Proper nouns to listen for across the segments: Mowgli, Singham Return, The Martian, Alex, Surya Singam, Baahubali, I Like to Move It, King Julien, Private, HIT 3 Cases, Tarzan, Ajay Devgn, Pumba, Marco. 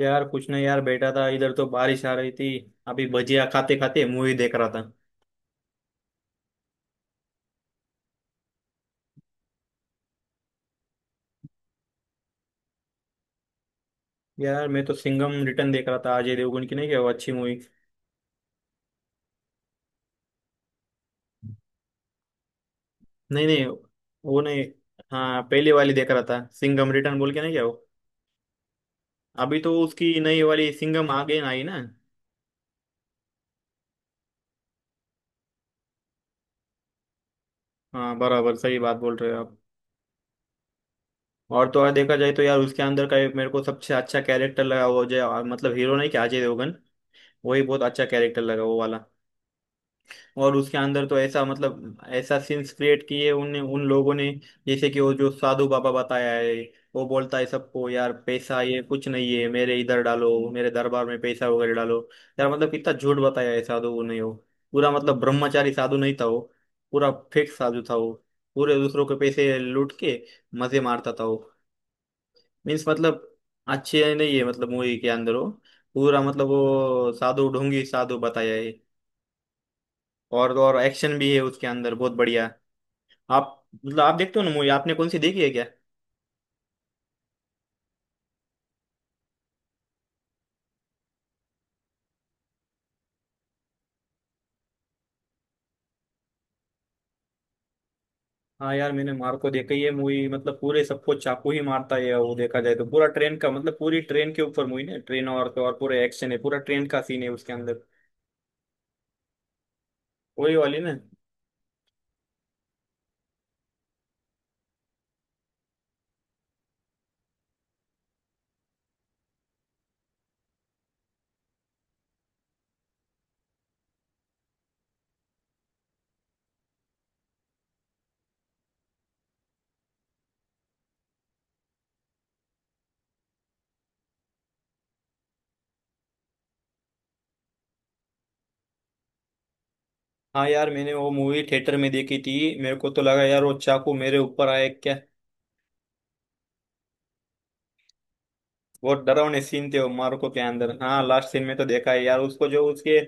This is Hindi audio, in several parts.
यार कुछ नहीं यार, बैठा था इधर तो बारिश आ रही थी। अभी भजिया खाते खाते मूवी देख रहा था। यार मैं तो सिंघम रिटर्न देख रहा था, अजय देवगन की, नहीं क्या वो अच्छी मूवी? नहीं नहीं, वो नहीं। हाँ, पहले वाली देख रहा था सिंघम रिटर्न बोल के, नहीं क्या वो? अभी तो उसकी नई वाली सिंघम आ गई ना, आई ना? हाँ बराबर, सही बात बोल रहे हो आप। और तो और देखा जाए तो यार, उसके अंदर का एक मेरे को सबसे अच्छा कैरेक्टर लगा, वो जो मतलब हीरो, नहीं क्या अजय देवगन? वही बहुत अच्छा कैरेक्टर लगा, वो वाला। और उसके अंदर तो ऐसा मतलब ऐसा सीन्स क्रिएट किए उन उन लोगों ने। जैसे कि वो जो साधु बाबा बताया है, वो बोलता है सबको, यार पैसा ये कुछ नहीं है, मेरे इधर डालो, मेरे दरबार में पैसा वगैरह डालो। यार मतलब कितना झूठ बताया है साधु ने वो। पूरा मतलब ब्रह्मचारी साधु नहीं था वो। पूरा फेक साधु था वो। पूरे दूसरों के पैसे लूट के मजे मारता था वो। मीन्स मतलब अच्छे नहीं है मतलब मूवी के अंदर वो। पूरा मतलब वो साधु ढोंगी साधु बताया है। और तो और एक्शन भी है उसके अंदर, बहुत बढ़िया। आप मतलब आप देखते हो ना मूवी, आपने कौन सी देखी है क्या? हाँ यार, मैंने मार्को देखी है मूवी, मतलब पूरे सबको चाकू ही मारता है वो, देखा जाए तो। पूरा ट्रेन का मतलब पूरी ट्रेन के ऊपर मूवी ना, ट्रेन, और तो और पूरा एक्शन है, पूरा ट्रेन का सीन है उसके अंदर। वही वाली ना। हाँ यार, मैंने वो मूवी थिएटर में देखी थी। मेरे को तो लगा यार, वो चाकू मेरे ऊपर आए क्या। बहुत डरावने सीन थे वो मारुको के अंदर। हाँ लास्ट सीन में तो देखा है यार, उसको जो उसके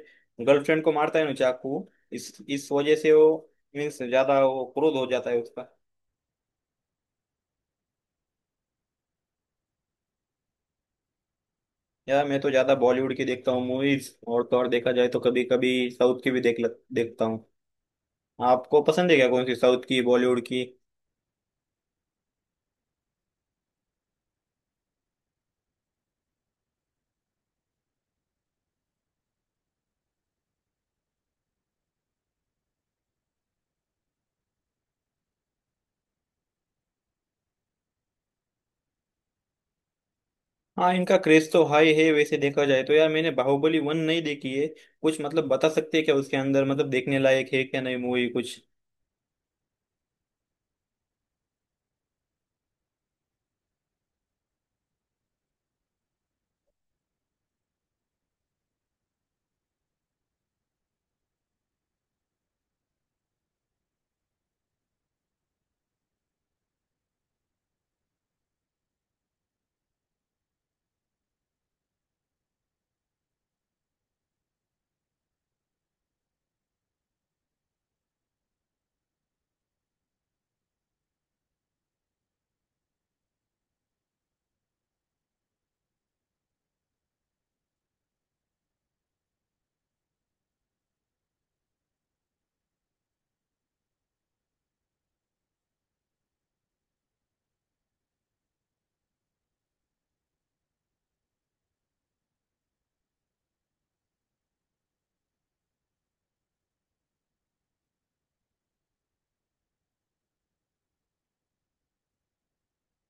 गर्लफ्रेंड को मारता है ना चाकू, इस वजह से वो मीन्स ज्यादा वो क्रोध हो जाता है उसका। यार मैं तो ज्यादा बॉलीवुड की देखता हूँ मूवीज, और तो और देखा जाए तो कभी कभी साउथ की भी देखता हूँ। आपको पसंद है क्या, कौन सी साउथ की, बॉलीवुड की? हाँ इनका क्रेज तो हाई है, वैसे देखा जाए तो। यार मैंने बाहुबली वन नहीं देखी है। कुछ मतलब बता सकते हैं क्या उसके अंदर, मतलब देखने लायक है क्या नहीं मूवी कुछ?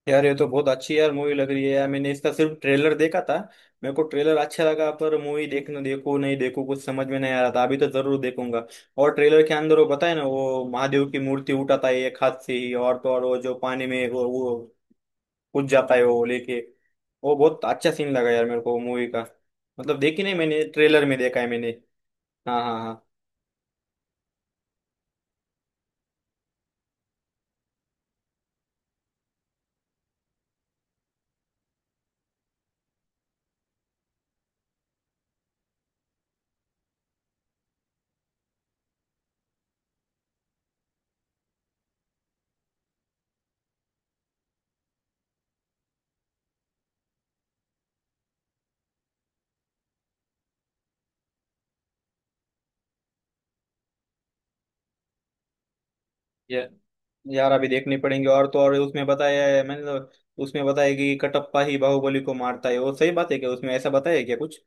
यार ये तो बहुत अच्छी यार मूवी लग रही है, यार मैंने इसका सिर्फ ट्रेलर देखा था। मेरे को ट्रेलर अच्छा लगा, पर मूवी देखना, देखो नहीं देखो, कुछ समझ में नहीं आ रहा था। अभी तो जरूर देखूंगा। और ट्रेलर के अंदर वो बताए ना, वो महादेव की मूर्ति उठाता है एक हाथ से ही, और तो और वो जो पानी में वो कूद जाता है वो लेके, वो बहुत अच्छा सीन लगा यार मेरे को मूवी का। मतलब देखी नहीं मैंने, ट्रेलर में देखा है मैंने। हाँ हाँ हाँ, यार अभी देखनी पड़ेंगे। और तो और उसमें बताया है, उसमें बताया कि कटप्पा ही बाहुबली को मारता है वो, सही बात है क्या, उसमें ऐसा बताया है क्या कुछ?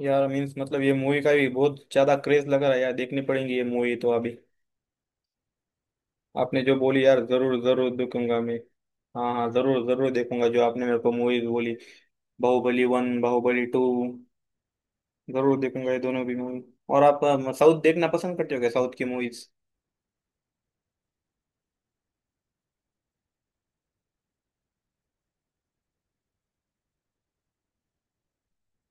यार मीन्स मतलब ये मूवी का भी बहुत ज्यादा क्रेज लग रहा है यार, देखनी पड़ेंगी ये मूवी तो अभी। आपने जो बोली यार, जरूर जरूर देखूंगा मैं। हाँ हाँ, जरूर जरूर देखूंगा जो आपने मेरे को मूवीज बोली, बाहुबली वन, बाहुबली टू, जरूर देखूंगा ये दोनों भी मूवी। और आप साउथ देखना पसंद करते हो क्या, साउथ की मूवीज?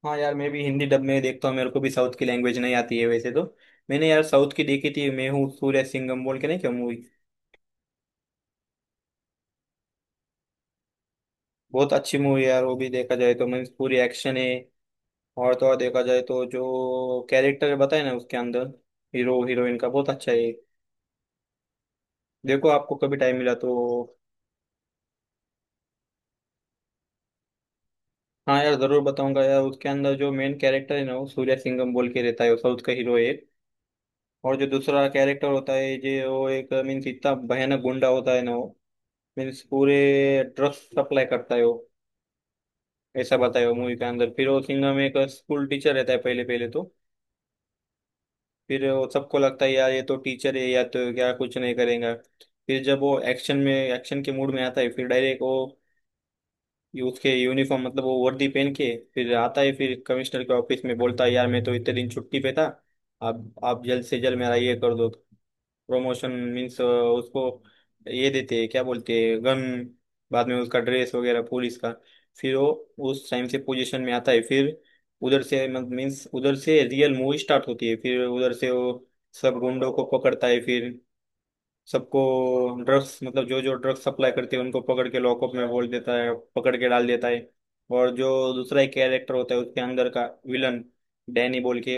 हाँ यार, मैं भी हिंदी डब में देखता हूँ, मेरे को भी साउथ की लैंग्वेज नहीं आती है वैसे तो। मैंने यार साउथ की देखी थी मैं, हूँ, सूर्य सिंघम बोल के, नहीं क्या मूवी? बहुत अच्छी मूवी यार वो भी, देखा जाए तो मीन्स पूरी एक्शन है। और तो और देखा जाए तो जो कैरेक्टर बताए ना उसके अंदर, हीरो हीरोइन का बहुत अच्छा है। देखो आपको कभी टाइम मिला तो। हाँ यार जरूर बताऊंगा यार। उसके अंदर जो मेन कैरेक्टर है ना, वो सूर्य सिंघम बोल के रहता है, वो साउथ का हीरो है। और जो दूसरा कैरेक्टर होता है, जो वो एक मीन्स इतना भयानक गुंडा होता है ना वो, मीन्स पूरे ड्रग्स सप्लाई करता है वो, ऐसा बताया मूवी के अंदर। फिर वो सिंघम में एक स्कूल टीचर रहता है पहले पहले तो। फिर वो सबको लगता है यार ये तो टीचर है, या तो क्या कुछ नहीं करेगा। फिर जब वो एक्शन में एक्शन के मूड में आता है, फिर डायरेक्ट वो ये, उसके यूनिफॉर्म मतलब वो वर्दी पहन के फिर आता है, फिर कमिश्नर के ऑफिस में बोलता है यार मैं तो इतने दिन छुट्टी पे था, अब आप जल्द से जल्द मेरा ये कर दो प्रमोशन। मीन्स उसको ये देते हैं, क्या बोलते हैं, गन। बाद में उसका ड्रेस वगैरह पुलिस का, फिर वो उस टाइम से पोजीशन में आता है। फिर उधर से मीन्स उधर से रियल मूवी स्टार्ट होती है। फिर उधर से वो सब गुंडों को पकड़ता है, फिर सबको ड्रग्स मतलब जो जो ड्रग्स सप्लाई करते हैं उनको पकड़ के लॉकअप में बोल देता है, पकड़ के डाल देता है। और जो दूसरा एक कैरेक्टर होता है उसके अंदर का, विलन, डैनी बोल के,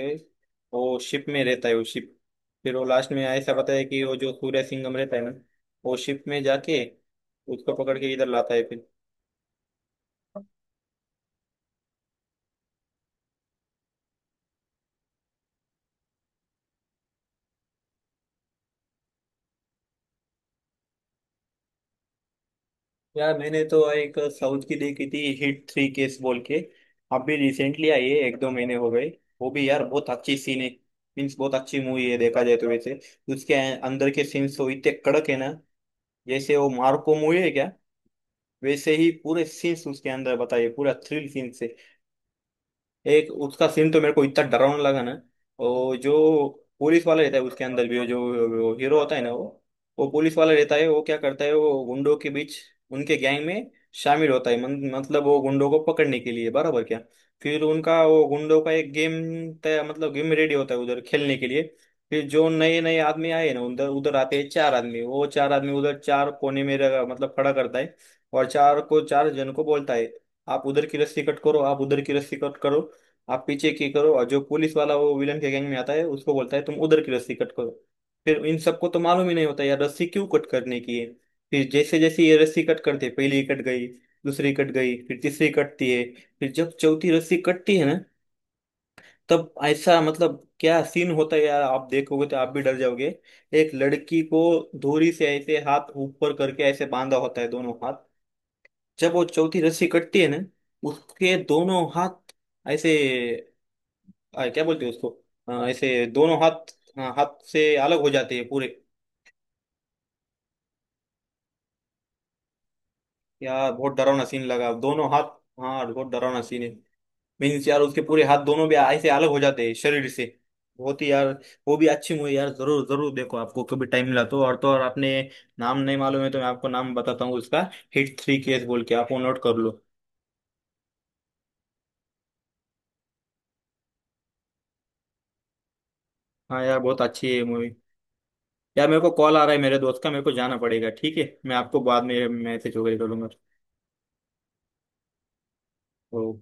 वो शिप में रहता है, वो शिप। फिर वो लास्ट में ऐसा बताया कि वो जो सूर्य सिंघम रहता है ना, वो शिप में जाके उसको पकड़ के इधर लाता है फिर। यार मैंने तो एक साउथ की देखी थी, हिट 3 केस बोल के, अभी रिसेंटली आई है, एक दो महीने हो गए। वो भी यार बहुत अच्छी सीन है, मीन्स बहुत अच्छी मूवी है देखा जाए तो वैसे। उसके अंदर के सीन्स तो इतने कड़क है ना, जैसे वो मार्को मूवी है क्या, वैसे ही पूरे सीन्स उसके अंदर बताइए, पूरा थ्रिल सीन्स है। एक उसका सीन तो मेरे को इतना डरावना लगा ना। और जो पुलिस वाला रहता है उसके अंदर भी, वो जो वो हीरो होता है ना, वो पुलिस वाला रहता है, वो क्या करता है वो गुंडों के बीच उनके गैंग में शामिल होता है। मतलब वो गुंडों को पकड़ने के लिए, बराबर क्या। फिर उनका वो गुंडों का एक गेम तय मतलब गेम रेडी होता है उधर खेलने के लिए। फिर जो नए नए आदमी आए ना उधर, उधर आते हैं चार आदमी, वो चार आदमी उधर चार कोने में मतलब खड़ा करता है। और चार को, चार जन को बोलता है, आप उधर की रस्सी कट करो, आप उधर की रस्सी कट करो, आप पीछे की करो, और जो पुलिस वाला वो विलन के गैंग में आता है उसको बोलता है, तुम उधर की रस्सी कट करो। फिर इन सबको तो मालूम ही नहीं होता यार रस्सी क्यों कट करने की है। फिर जैसे जैसे ये रस्सी कट करते, पहली कट गई, दूसरी कट गई, फिर तीसरी कटती है, फिर जब चौथी रस्सी कटती है ना, तब ऐसा मतलब क्या सीन होता है यार, आप देखोगे तो आप भी डर जाओगे। एक लड़की को धोरी से ऐसे हाथ ऊपर करके ऐसे बांधा होता है दोनों हाथ, जब वो चौथी रस्सी कटती है ना, उसके दोनों हाथ ऐसे, क्या बोलते हैं उसको, ऐसे दोनों हाथ, हाँ, हाथ से अलग हो जाते हैं पूरे। यार बहुत डरावना सीन लगा, दोनों हाथ। हाँ बहुत डरावना सीन है। मीन्स यार उसके पूरे हाथ दोनों भी ऐसे अलग हो जाते हैं शरीर से, बहुत ही यार। वो भी अच्छी मूवी यार, जरूर जरूर देखो आपको कभी टाइम मिला तो। और तो और आपने नाम नहीं मालूम है तो मैं आपको नाम बताता हूँ उसका, हिट 3 केस बोल के, आप वो नोट कर लो। हाँ यार बहुत अच्छी है मूवी। यार मेरे को कॉल आ रहा है मेरे दोस्त का, मेरे को जाना पड़ेगा, ठीक है, मैं आपको बाद में मैसेज वगैरह करूंगा।